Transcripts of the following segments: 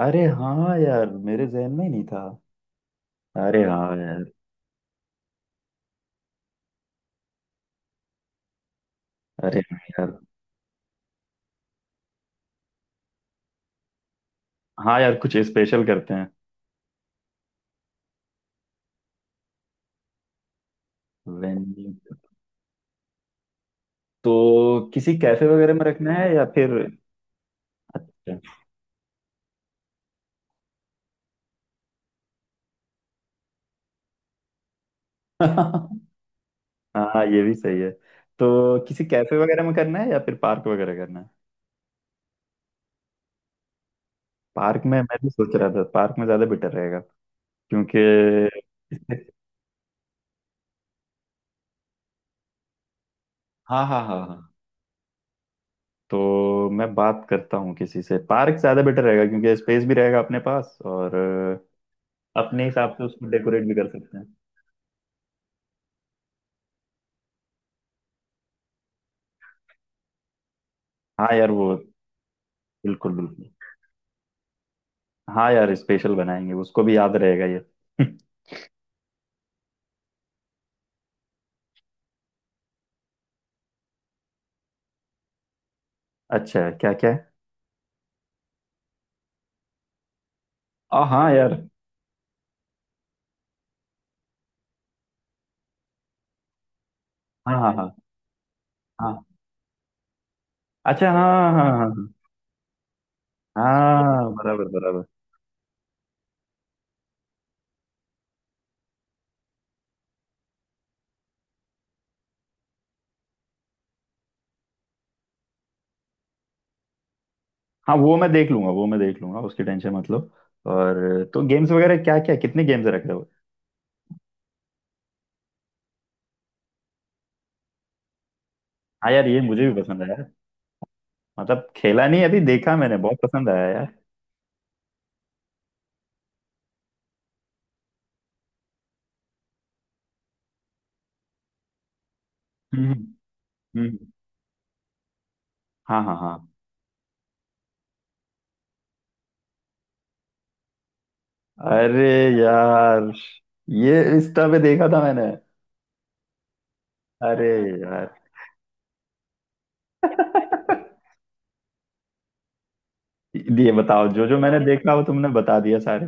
अरे हाँ यार मेरे जहन में ही नहीं था। अरे हाँ यार। अरे हाँ यार। हाँ यार कुछ स्पेशल करते हैं। वेन्यू। तो किसी कैफे वगैरह में रखना है या फिर। अच्छा। हाँ ये भी सही है। तो किसी कैफे वगैरह में करना है या फिर पार्क वगैरह करना है। पार्क में मैं भी सोच रहा था, पार्क में ज्यादा बेटर रहेगा क्योंकि। हाँ हाँ हाँ हाँ। तो मैं बात करता हूँ किसी से, पार्क ज्यादा बेटर रहेगा क्योंकि स्पेस भी रहेगा अपने पास, और अपने हिसाब से उसको डेकोरेट भी कर सकते हैं। हाँ यार वो बिल्कुल बिल्कुल। हाँ यार स्पेशल बनाएंगे, उसको भी याद रहेगा ये। अच्छा क्या क्या है। हाँ यार। हाँ हाँ हाँ हाँ। अच्छा हाँ। हाँ हाँ। हाँ, हाँ, हाँ, बराबर बराबर। हाँ वो मैं देख लूंगा, वो मैं देख लूंगा, उसकी टेंशन मतलब। और तो गेम्स वगैरह क्या क्या? कितने गेम्स रख रहे हो? हाँ यार ये मुझे भी पसंद आया। मतलब खेला नहीं, अभी देखा मैंने, बहुत पसंद आया यार। हम्म। हम्म, हाँ हाँ हाँ। अरे यार, ये इंस्टा पे देखा था मैंने। अरे ये बताओ, जो जो मैंने देखा वो तुमने बता दिया सारे।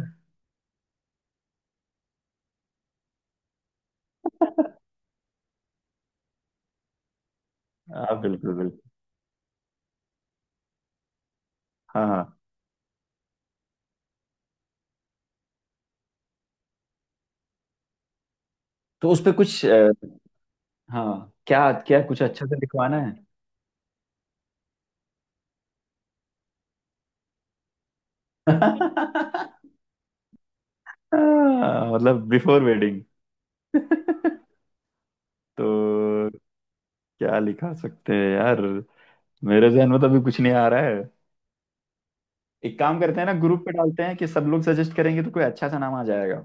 हाँ बिल्कुल बिल्कुल। हाँ हाँ। तो उस पे कुछ हाँ क्या क्या कुछ अच्छा से लिखवाना है। हाँ, मतलब बिफोर वेडिंग। तो क्या लिखा सकते हैं यार? मेरे जहन में तो अभी कुछ नहीं आ रहा है। एक काम करते हैं ना, ग्रुप पे डालते हैं कि सब लोग सजेस्ट करेंगे तो कोई अच्छा सा नाम आ जाएगा।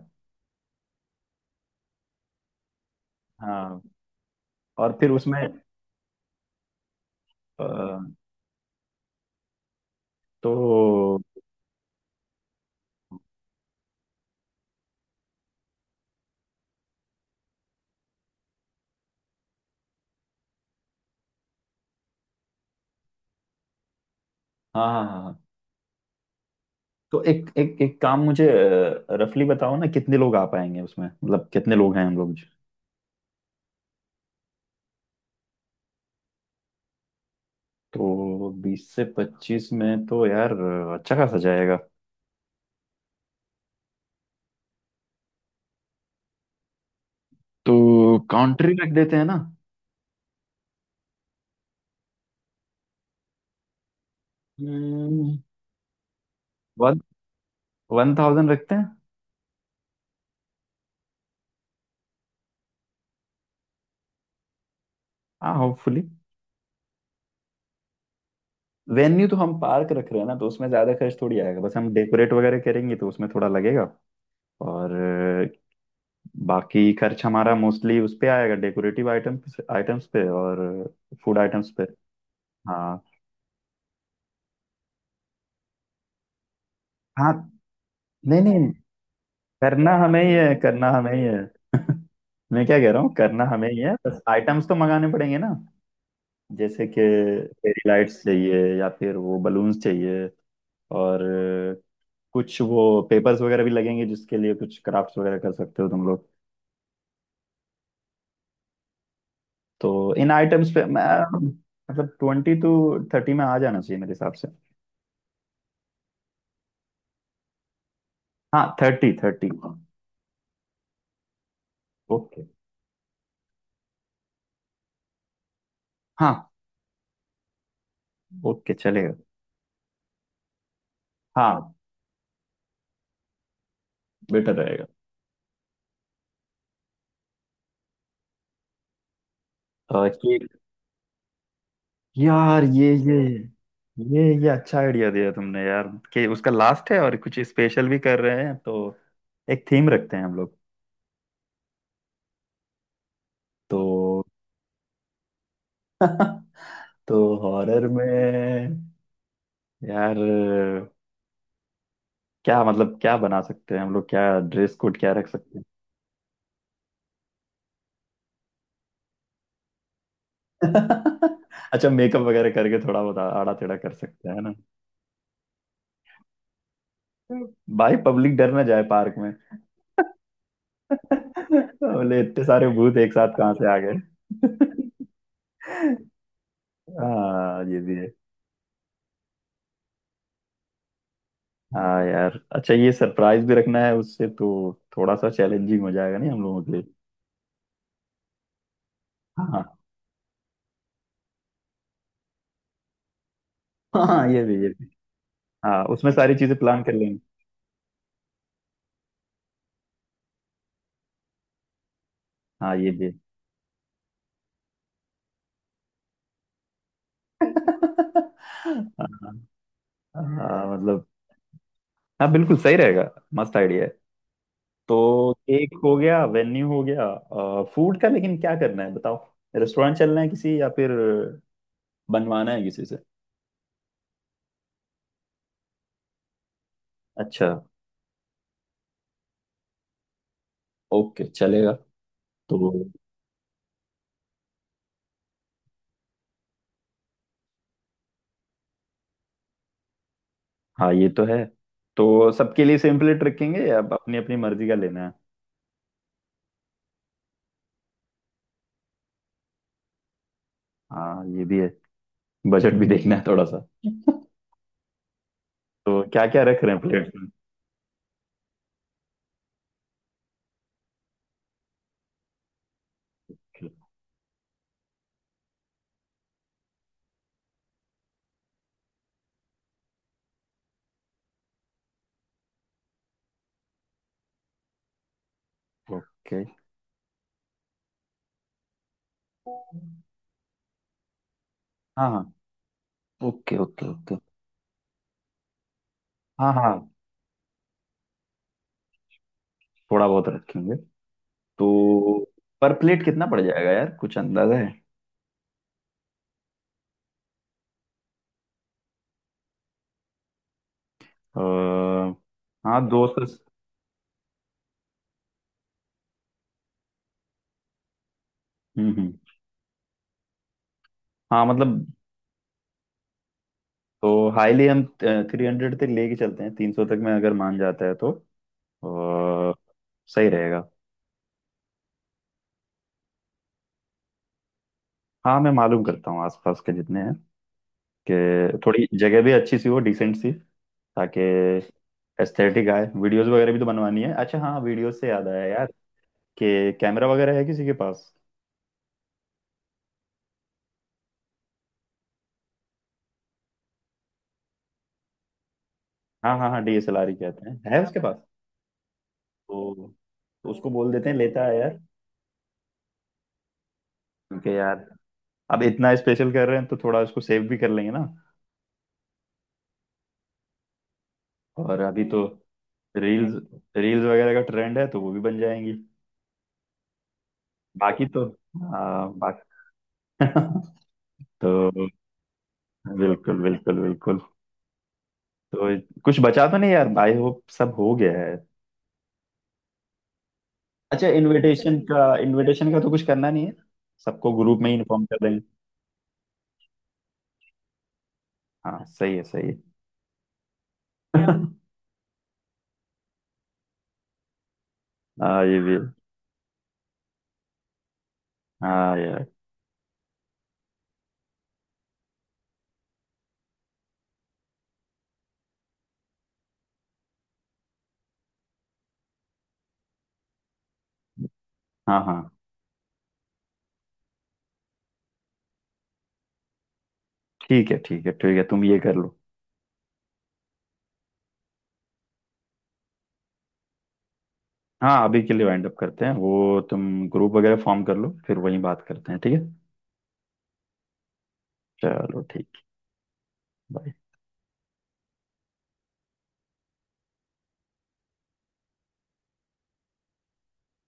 हाँ। और फिर उसमें अ, तो। हाँ हाँ हाँ। तो एक एक एक काम, मुझे रफली बताओ ना, कितने लोग आ पाएंगे उसमें, मतलब कितने लोग हैं हम लोग। तो 20 से 25 में तो यार अच्छा खासा जाएगा। तो काउंट्री रख देते हैं ना। हम्म, वन वन थाउजेंड रखते हैं। हाँ होपफुली। वेन्यू तो हम पार्क रख रहे हैं ना, तो उसमें ज्यादा खर्च थोड़ी आएगा, बस हम डेकोरेट वगैरह करेंगे तो उसमें थोड़ा लगेगा। और बाकी खर्च हमारा मोस्टली उस पे आएगा, डेकोरेटिव आइटम आइटम्स पे और फूड आइटम्स पे। हाँ हाँ। नहीं नहीं, करना हमें ही है, करना हमें ही है। मैं क्या कह रहा हूँ, करना हमें ही है, बस आइटम्स तो मंगाने पड़ेंगे ना। जैसे कि फेरी लाइट्स चाहिए, या फिर वो बलून्स चाहिए। और अ, कुछ वो पेपर्स वगैरह भी लगेंगे, जिसके लिए कुछ क्राफ्ट्स वगैरह कर सकते हो तुम लोग। तो इन आइटम्स पे मैं, मतलब 22 से 30 में आ जाना चाहिए मेरे हिसाब से। हाँ 30 30। ओके। हाँ। ओके चलेगा। हाँ बेटर रहेगा। और केक। यार ये अच्छा आइडिया दिया तुमने यार। कि उसका लास्ट है और कुछ स्पेशल भी कर रहे हैं, तो एक थीम रखते हैं हम लोग। तो तो हॉरर में यार। क्या मतलब, क्या बना सकते हैं हम लोग, क्या ड्रेस कोड क्या रख सकते हैं? अच्छा मेकअप वगैरह करके थोड़ा बहुत आड़ा टेढ़ा कर सकते हैं, है ना? भाई पब्लिक डर ना जाए पार्क में। बोले इतने सारे भूत एक साथ कहाँ से आ गए? हाँ ये भी है। हाँ यार, अच्छा, ये सरप्राइज भी रखना है उससे, तो थोड़ा सा चैलेंजिंग हो जाएगा नहीं हम लोगों के लिए। हाँ। हाँ ये भी, ये भी। हाँ उसमें सारी चीजें प्लान कर लेंगे। हाँ ये भी है। हाँ। हाँ, मतलब। हाँ बिल्कुल सही रहेगा, मस्त आइडिया है। तो केक हो गया, वेन्यू हो गया। फूड का लेकिन क्या करना है बताओ? रेस्टोरेंट चलना है किसी, या फिर बनवाना है किसी से? अच्छा। ओके चलेगा। तो। हाँ ये तो है। तो सबके लिए सेम प्लेट रखेंगे, या अपनी अपनी मर्जी का लेना है? हाँ ये भी है। बजट भी देखना है थोड़ा सा। तो क्या क्या रख रहे हैं प्लेट में? ओके। हाँ हाँ। Okay okay okay. हाँ हाँ थोड़ा बहुत रखेंगे। तो पर प्लेट कितना पड़ जाएगा यार? कुछ अंदाजा है? अ, हाँ 200। हम्म। हाँ मतलब। तो हाईली हम 300 तक लेके चलते हैं, 300 तक में अगर मान जाता है तो अ, सही रहेगा। हाँ मैं मालूम करता हूँ आसपास के जितने हैं, कि थोड़ी जगह भी अच्छी सी हो, डिसेंट सी। ताकि एस्थेटिक आए, वीडियोस वगैरह भी तो बनवानी है। अच्छा हाँ, वीडियोस से याद आया यार, कि कैमरा वगैरह है किसी के पास? हाँ हाँ हाँ, डीएसएलआर ही कहते हैं, है उसके पास। तो, तो उसको बोल देते हैं, लेता है यार। क्योंकि यार, अब इतना स्पेशल कर रहे हैं तो थोड़ा उसको सेव भी कर लेंगे ना। और अभी तो रील्स रील्स वगैरह का ट्रेंड है, तो वो भी बन जाएंगी। बाकी तो। हाँ। बाकी तो बिल्कुल बिल्कुल बिल्कुल। तो कुछ बचा तो नहीं यार, आई होप सब हो गया है। अच्छा इनविटेशन का तो कुछ करना नहीं है, सबको ग्रुप में ही इन्फॉर्म कर देंगे। हाँ सही है, सही है। हाँ ये भी है। हाँ यार। हाँ हाँ। ठीक है ठीक है ठीक है, तुम ये कर लो। हाँ अभी के लिए वाइंड अप करते हैं, वो तुम ग्रुप वगैरह फॉर्म कर लो, फिर वहीं बात करते हैं, ठीक है। चलो ठीक। बाय।